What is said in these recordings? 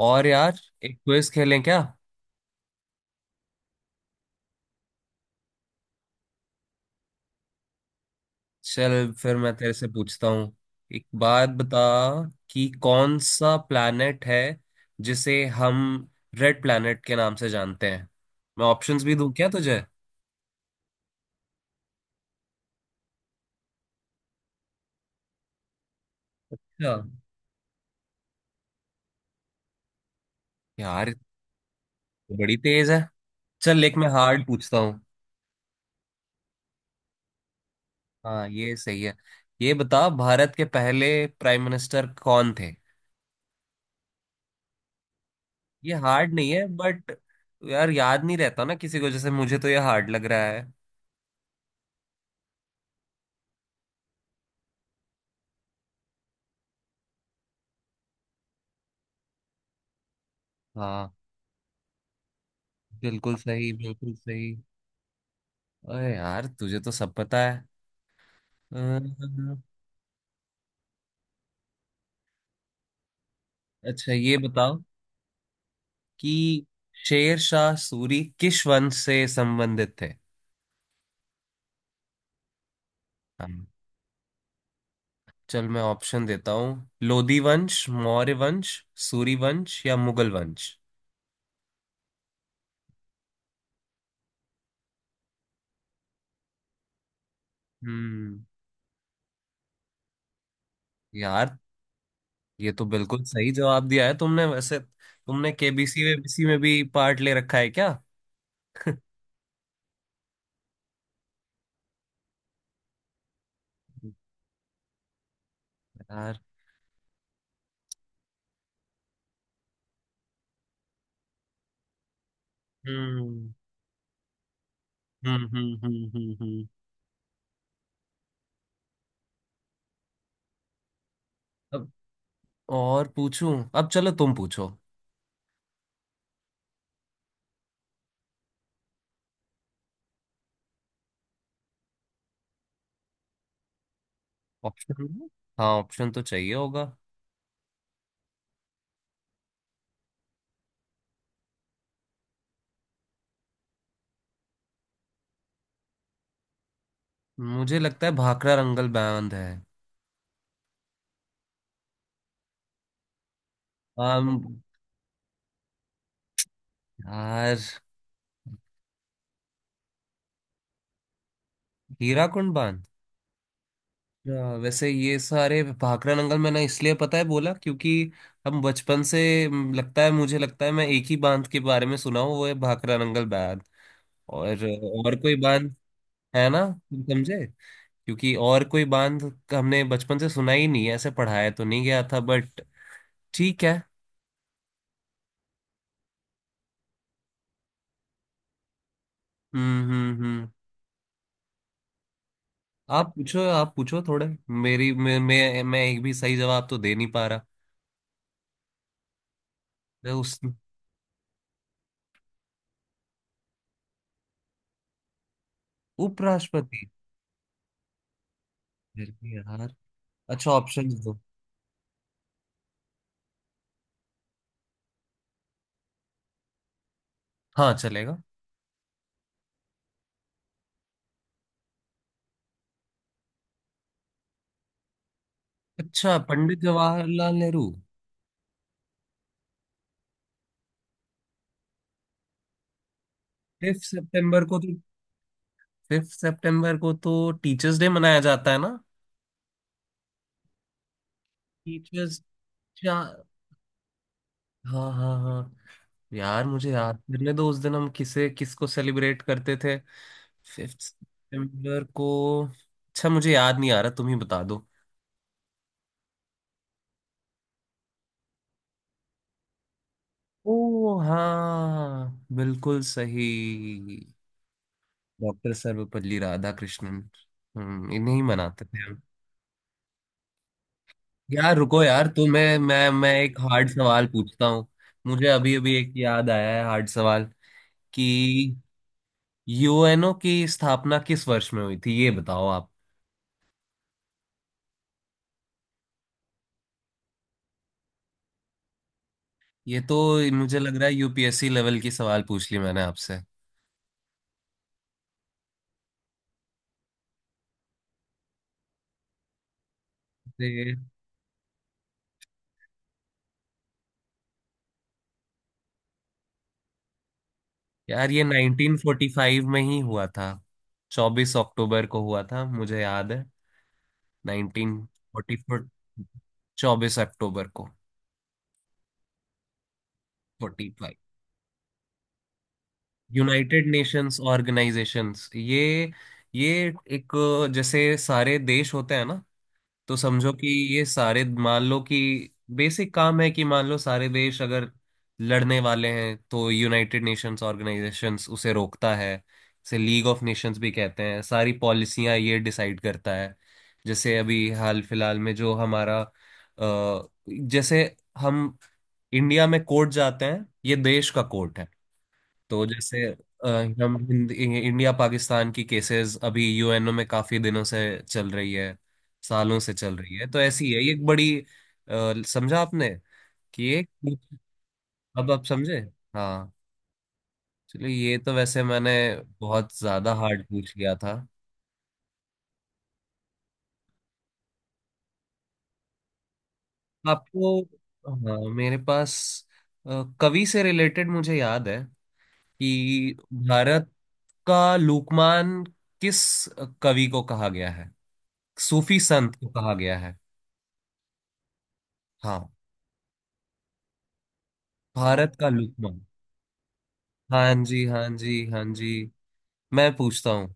और यार, एक क्विज खेलें क्या। चल फिर मैं तेरे से पूछता हूँ। एक बात बता कि कौन सा प्लैनेट है जिसे हम रेड प्लैनेट के नाम से जानते हैं। मैं ऑप्शंस भी दूं क्या तुझे? अच्छा। यार, तो बड़ी तेज है। चल, एक मैं हार्ड पूछता हूँ। हाँ ये सही है। ये बता, भारत के पहले प्राइम मिनिस्टर कौन थे। ये हार्ड नहीं है बट यार याद नहीं रहता ना किसी को, जैसे मुझे तो ये हार्ड लग रहा है। हाँ, बिल्कुल सही, बिल्कुल सही। अरे यार, तुझे तो सब पता है। अम्म, अच्छा ये बताओ कि शेर शाह सूरी किस वंश से संबंधित थे। हम चल, मैं ऑप्शन देता हूँ। लोधी वंश, मौर्य वंश, सूरी वंश या मुगल वंश। हम्म। यार, ये तो बिल्कुल सही जवाब दिया है तुमने। वैसे तुमने केबीसी वेबीसी में भी पार्ट ले रखा है क्या? यार। हम्म हम्म। हम्म। और पूछूं? अब चलो तुम पूछो। ऑप्शन? हाँ, ऑप्शन तो चाहिए होगा। मुझे लगता है भाखड़ा रंगल बांध है। आम, यार। हीराकुंड बांध। अच्छा, वैसे ये सारे भाखड़ा रंगल मैंने इसलिए पता है बोला क्योंकि हम बचपन से, लगता है, मुझे लगता है मैं एक ही बांध के बारे में सुना हूँ, वो है भाखड़ा रंगल बांध। और और कोई बांध है ना। तुम समझे, क्योंकि और कोई बांध हमने बचपन से सुना ही नहीं है, ऐसे पढ़ाया तो नहीं गया था बट ठीक है। हम्म। आप पूछो, आप पूछो थोड़े। मेरी मैं एक भी सही जवाब तो दे नहीं पा रहा। मैं उस उपराष्ट्रपति, फिर भी यार, अच्छा ऑप्शन दो। हाँ चलेगा। अच्छा, पंडित जवाहरलाल नेहरू? फिफ्थ सितंबर को तो, फिफ्थ सितंबर को तो टीचर्स डे मनाया जाता है ना। Teachers day. हाँ। हाँ हाँ। यार मुझे याद करने दो, उस दिन हम किसे, किसको सेलिब्रेट करते थे फिफ्थ सितंबर को। अच्छा मुझे याद नहीं आ रहा, तुम ही बता दो। ओ हाँ, बिल्कुल सही, डॉक्टर सर्वपल्ली राधाकृष्णन। हम्म, इन्हें ही मनाते थे हम। यार रुको, यार तो मैं एक हार्ड सवाल पूछता हूँ। मुझे अभी अभी एक याद आया है हार्ड सवाल कि यूएनओ की स्थापना किस वर्ष में हुई थी, ये बताओ आप। ये तो, मुझे लग रहा है यूपीएससी लेवल की सवाल पूछ ली मैंने आपसे। ते- यार ये 1945 में ही हुआ था। 24 अक्टूबर को हुआ था, मुझे याद है। नाइनटीन फोर्टी फोर, चौबीस अक्टूबर को। Forty five. United Nations organisations, ये एक, जैसे सारे देश होते हैं ना, तो समझो कि ये सारे, मान लो कि बेसिक काम है कि मान लो सारे देश अगर लड़ने वाले हैं तो यूनाइटेड नेशंस ऑर्गेनाइजेशंस उसे रोकता है। इसे लीग ऑफ नेशंस भी कहते हैं, सारी पॉलिसियां ये डिसाइड करता है। जैसे अभी हाल फिलहाल में जो हमारा, जैसे हम इंडिया में कोर्ट जाते हैं, ये देश का कोर्ट है। तो जैसे, अ, हम इंडिया पाकिस्तान की केसेस अभी यूएनओ में काफी दिनों से चल रही है, सालों से चल रही है। तो ऐसी है ये एक बड़ी, समझा आपने कि ये? अब आप समझे? हाँ। चलिए, ये तो वैसे मैंने बहुत ज्यादा हार्ड पूछ लिया था आपको। हाँ मेरे पास, कवि से रिलेटेड मुझे याद है कि भारत का लोकमान किस कवि को कहा गया है, सूफी संत को कहा गया है। हाँ, भारत का लोकमान। हाँ जी, हाँ जी, हाँ जी, मैं पूछता हूँ।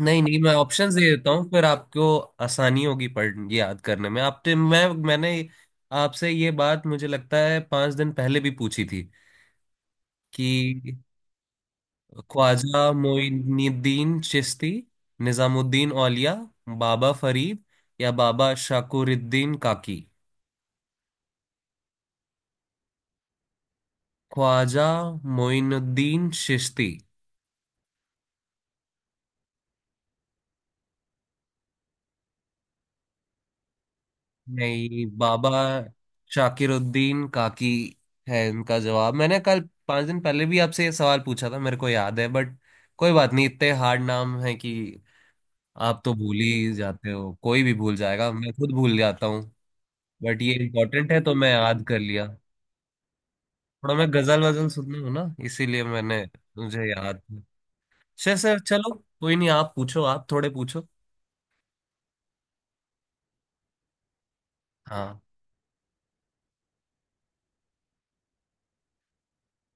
नहीं नहीं, मैं ऑप्शंस दे देता हूँ फिर आपको, आसानी होगी पढ़ याद करने में। आपने, मैंने आपसे ये बात मुझे लगता है 5 दिन पहले भी पूछी थी कि ख्वाजा मोइनुद्दीन चिश्ती, निजामुद्दीन औलिया, बाबा फरीद या बाबा शाकुरुद्दीन काकी। ख्वाजा मोइनुद्दीन चिश्ती। नहीं, बाबा शाकिरुद्दीन काकी है इनका जवाब। मैंने कल, 5 दिन पहले भी आपसे ये सवाल पूछा था, मेरे को याद है। बट कोई बात नहीं, इतने हार्ड नाम है कि आप तो भूल ही जाते हो, कोई भी भूल जाएगा, मैं खुद भूल जाता हूँ। बट ये इम्पोर्टेंट है तो मैं याद कर लिया। थोड़ा मैं गजल वजल सुनती हूँ ना, इसीलिए मैंने मुझे याद। सर सर चलो, कोई नहीं, आप पूछो, आप थोड़े पूछो। हाँ,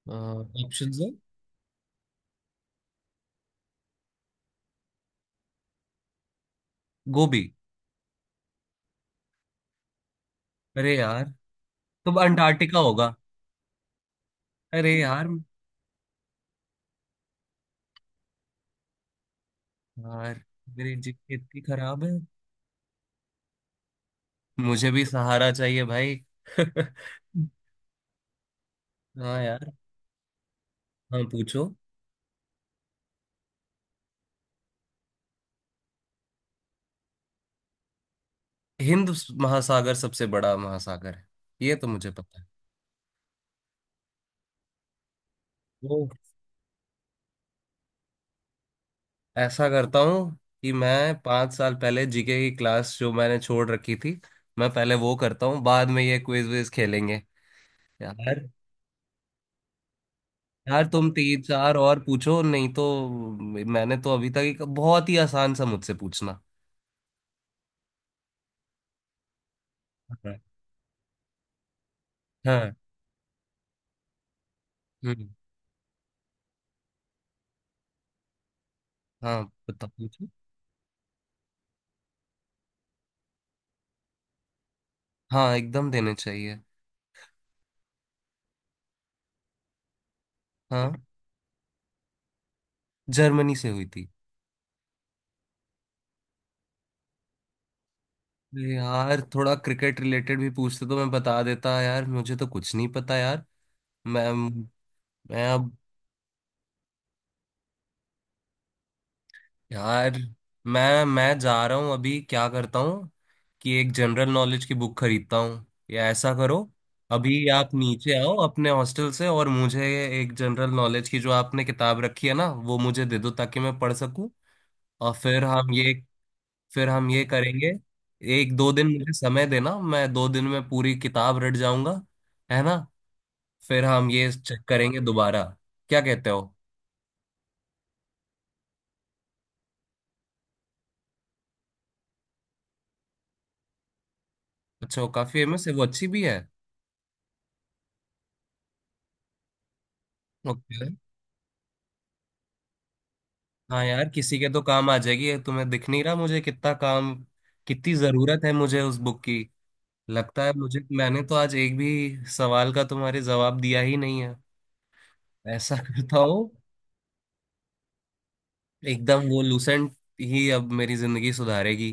ऑप्शन है? गोभी। अरे यार, तो अंटार्कटिका होगा। अरे यार, यार मेरी जिप इतनी खराब है। मुझे भी सहारा चाहिए भाई। हाँ। यार, हाँ पूछो। हिंद महासागर सबसे बड़ा महासागर है, ये तो मुझे पता है। ऐसा करता हूँ कि मैं 5 साल पहले जीके की क्लास जो मैंने छोड़ रखी थी, मैं पहले वो करता हूँ, बाद में ये क्विज विज खेलेंगे। यार, यार तुम तीन चार और पूछो, नहीं तो, मैंने तो अभी तक एक, बहुत ही आसान सा मुझसे पूछना। हाँ। हाँ। हम्म। हाँ, बताओ पूछो। हाँ, एकदम देने चाहिए। हाँ, जर्मनी से हुई थी। अरे यार, थोड़ा क्रिकेट रिलेटेड भी पूछते तो मैं बता देता यार, मुझे तो कुछ नहीं पता यार। मैं मैं अब, यार मैं जा रहा हूँ अभी। क्या करता हूँ कि एक जनरल नॉलेज की बुक खरीदता हूँ, या ऐसा करो, अभी आप नीचे आओ अपने हॉस्टल से और मुझे एक जनरल नॉलेज की जो आपने किताब रखी है ना, वो मुझे दे दो ताकि मैं पढ़ सकूँ। और फिर हम ये, फिर हम ये करेंगे। एक दो दिन मुझे समय देना, मैं 2 दिन में पूरी किताब रट जाऊंगा। है ना? फिर हम ये चेक करेंगे दोबारा, क्या कहते हो? अच्छा, वो काफी फेमस है, वो अच्छी भी है। ओके। हाँ यार, किसी के तो काम आ जाएगी। ये तुम्हें दिख नहीं रहा मुझे कितना काम, कितनी जरूरत है मुझे उस बुक की। लगता है मुझे, मैंने तो आज एक भी सवाल का तुम्हारे जवाब दिया ही नहीं है। ऐसा करता हूँ। एकदम वो लूसेंट ही अब मेरी जिंदगी सुधारेगी।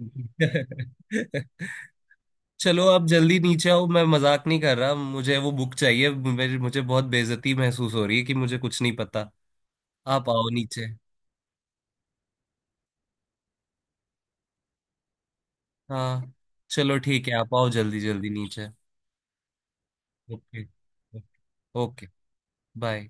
चलो, अब जल्दी नीचे आओ। मैं मजाक नहीं कर रहा, मुझे वो बुक चाहिए। मेरे, मुझे बहुत बेइज्जती महसूस हो रही है कि मुझे कुछ नहीं पता। आप आओ नीचे। हाँ चलो ठीक है, आप आओ जल्दी जल्दी नीचे। Okay, okay. बाय।